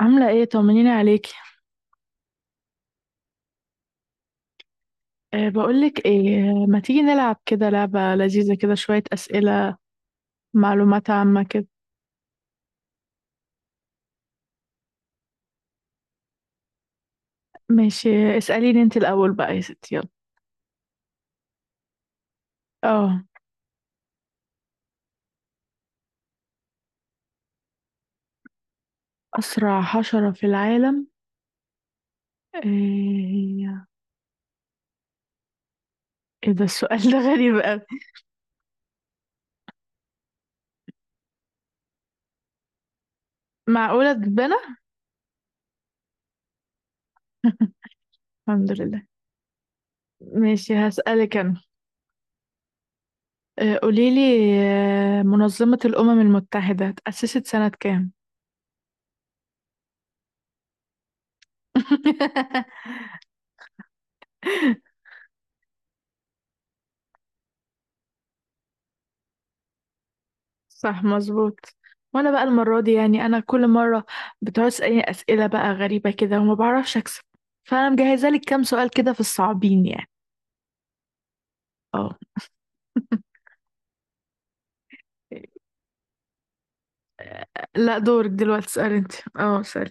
عاملة ايه؟ طمنيني عليكي. بقولك ايه؟ ما تيجي نلعب كده لعبة لذيذة كده، شوية أسئلة معلومات عامة كده. ماشي، اسأليني انت الأول بقى يا ستي، يلا. اه. أسرع حشرة في العالم؟ ايه؟ ايه ده السؤال ده؟ غريب أوي. معقولة تتبنى؟ الحمد لله. ماشي، هسألك أنا. قوليلي. منظمة الأمم المتحدة اتأسست سنة كام؟ صح، مظبوط. وانا بقى المرة دي يعني، انا كل مرة بتقعد تسألني اسئلة بقى غريبة كده وما بعرفش اكسب، فانا مجهزة لك كام سؤال كده في الصعبين يعني. اه. لا، دورك دلوقتي، اسأل انت. اه، اسأل.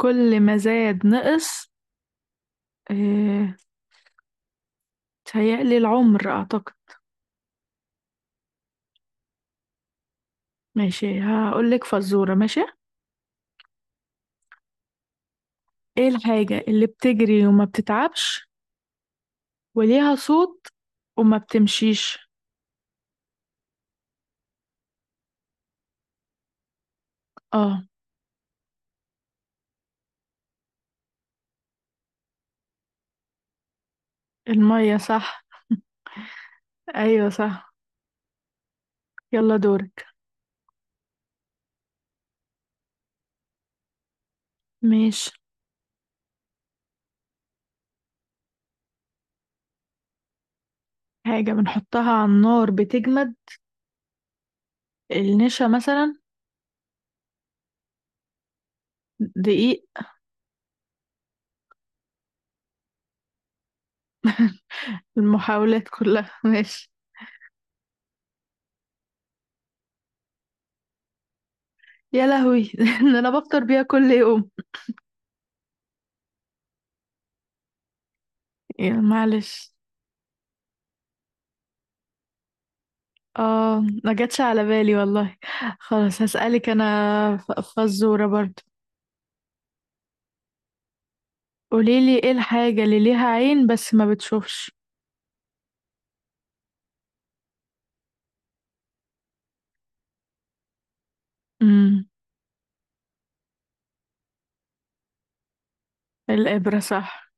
كل ما زاد نقص؟ اه، تهيألي العمر اعتقد. ماشي، هقول لك فزورة. ماشي، ايه الحاجة اللي بتجري وما بتتعبش وليها صوت وما بتمشيش؟ اه. المية صح. ايوه صح. يلا دورك. ماشي. حاجة بنحطها على النار بتجمد؟ النشا مثلا. دقيق. المحاولات كلها. ماشي. يا لهوي! ده انا بفطر بيها كل يوم. يا معلش، اه، ما جاتش على بالي والله. خلاص، هسألك انا فزورة برضو. قوليلي، ايه الحاجة اللي ليها عين بس ما بتشوفش؟ امم. الإبرة صح.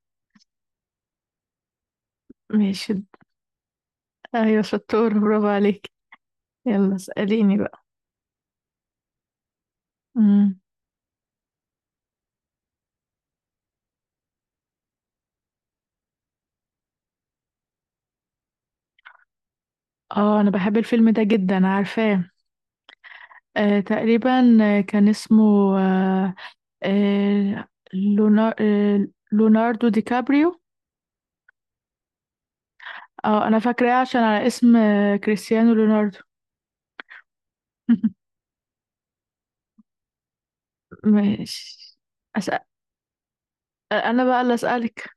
ماشي. ايوه شطورة، برافو عليك. يلا اسأليني بقى. امم. اه، انا بحب الفيلم ده جدا، عارفاه. تقريبا آه، كان اسمه آه، آه، لونا- آه، ليوناردو دي كابريو. اه، انا فاكراه عشان على اسم كريستيانو ليوناردو. ماشي. أسأل. انا بقى اللي اسالك.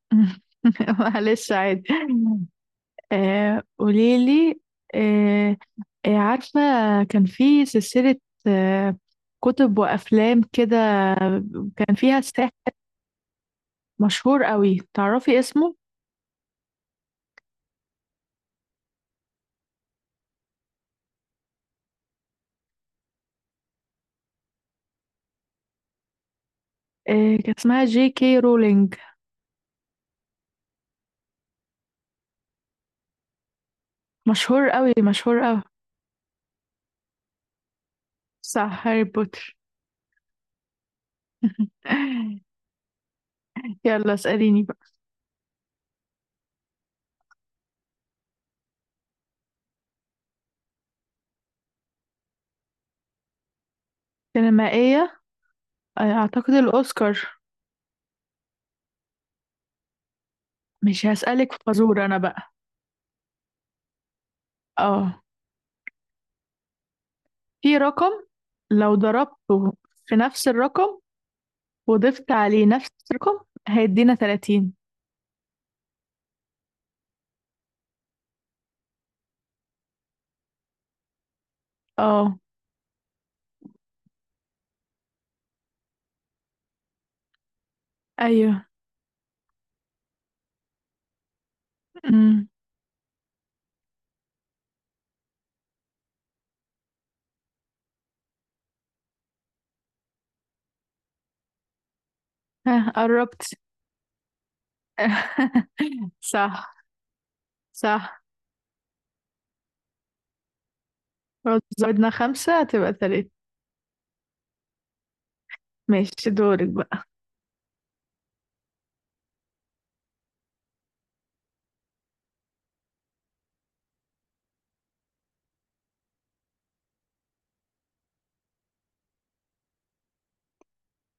معلش، عادي. قوليلي، آه، عارفة كان في سلسلة آه، كتب وأفلام كده، كان فيها ساحر مشهور قوي، تعرفي اسمه؟ إيه، كان اسمها J. K. Rowling. مشهور قوي، مشهور قوي. صح، هاري بوتر. يلا اسأليني بقى. سينمائية، أعتقد الأوسكار. مش هسألك في فزور أنا بقى؟ اه. في رقم، لو ضربته في نفس الرقم وضفت عليه نفس الرقم هيدينا 30. اه. أيوه. أمم، ها قربت. صح، صح. لو زودنا خمسة هتبقى تلاتة. ماشي، دورك.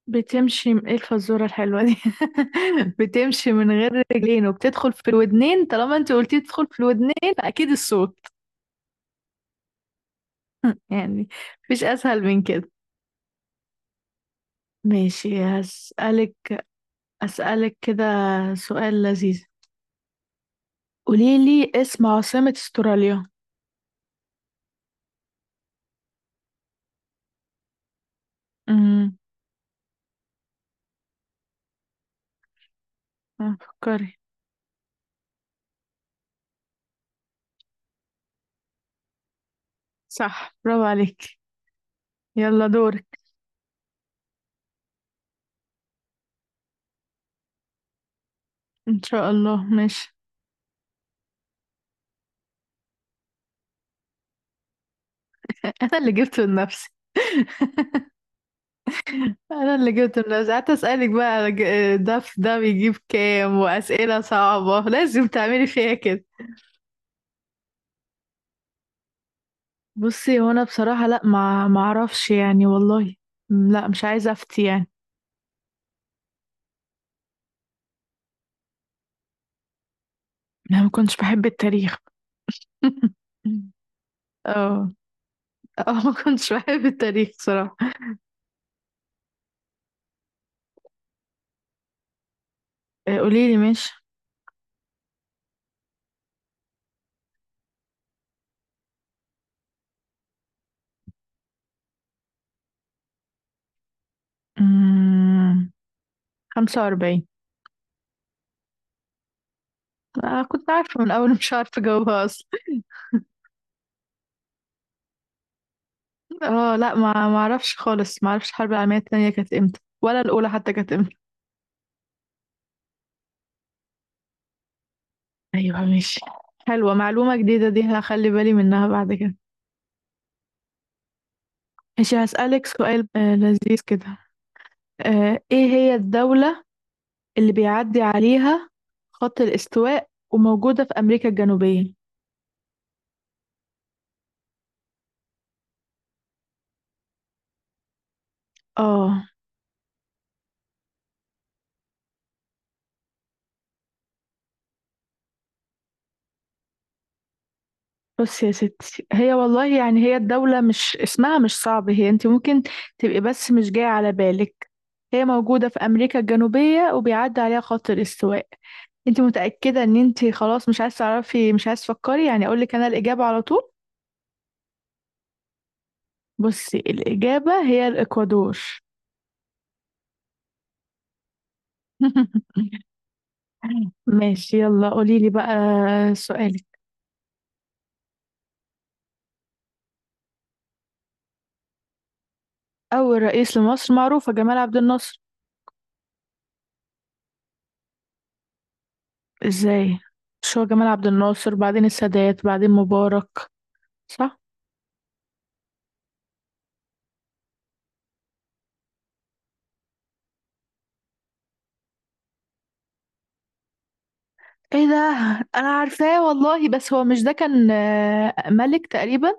ايه الفزورة الحلوة دي؟ بتمشي من غير رجلين وبتدخل في الودنين؟ طالما انت قلتي تدخل في الودنين، اكيد الصوت يعني، مفيش اسهل من كده. ماشي، أسألك كده سؤال لذيذ. قوليلي اسم عاصمة استراليا. امم فكري. صح، برافو عليك. يلا دورك. ان شاء الله، ماشي. انا اللي جبته لنفسي. انا اللي جبت الناس قعدت اسالك بقى على ده، في ده بيجيب كام واسئله صعبه؟ لازم تعملي فيها كده. بصي هو انا بصراحه، لا، ما اعرفش يعني والله. لا، مش عايزه افتي يعني. انا ما كنتش بحب التاريخ. اه، اه، ما كنتش بحب التاريخ صراحه. قولي لي ماشي. أمم، 45. كنت عارفه من الاول، مش عارفه اجاوبها اصلا. اه، لا، ما اعرفش خالص، ما اعرفش الحرب العالميه الثانيه كانت امتى ولا الاولى حتى كانت. ايوه ماشي. حلوة معلومة جديدة دي، هخلي بالي منها بعد كده. ماشي، هسألك سؤال لذيذ كده. ايه هي الدولة اللي بيعدي عليها خط الاستواء وموجودة في أمريكا الجنوبية؟ اه. بص يا ستي، هي والله يعني، هي الدولة مش اسمها مش صعب، هي انت ممكن تبقي بس مش جاية على بالك. هي موجودة في أمريكا الجنوبية وبيعدي عليها خط الاستواء. انت متأكدة ان انت خلاص مش عايز تعرفي، مش عايز تفكري، يعني اقولك انا الإجابة على طول؟ بصي، الإجابة هي الإكوادور. ماشي. يلا قولي لي بقى سؤالك. أول رئيس لمصر معروفة، جمال عبد الناصر. إزاي؟ مش هو جمال عبد الناصر بعدين السادات بعدين مبارك؟ صح؟ إيه ده؟ أنا عارفاه والله، بس هو مش ده كان ملك تقريبا؟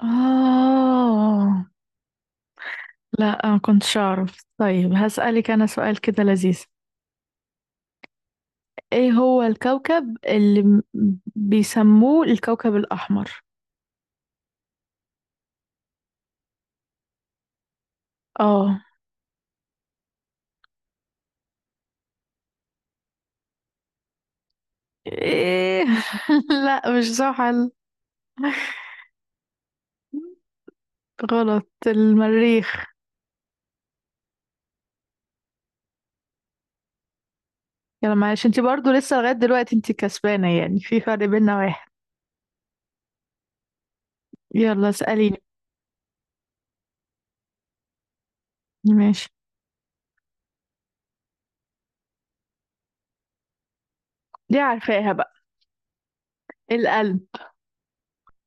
آه، لا أنا كنتش أعرف. طيب هسألك أنا سؤال كده لذيذ. إيه هو الكوكب اللي بيسموه الكوكب الأحمر؟ اه. ايه؟ لا، مش زحل. غلط. المريخ. يلا معلش، انت برضو لسه لغاية دلوقتي انت كسبانة، يعني في فرق بيننا واحد. يلا اسأليني. ماشي، دي عارفاها بقى. القلب.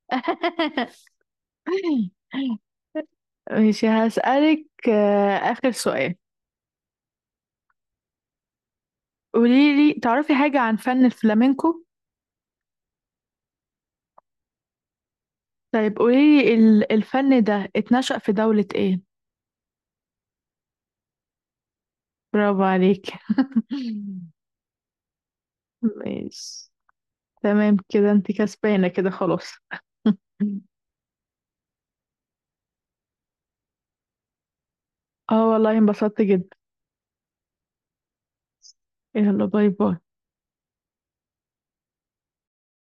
ماشي، هسألك آخر سؤال. قوليلي، تعرفي حاجة عن فن الفلامينكو؟ طيب، قوليلي الفن ده اتنشأ في دولة ايه؟ برافو عليك. ماشي. تمام كده، انت كسبانة كده خلاص. اه والله انبسطت جدا. يلا، باي باي.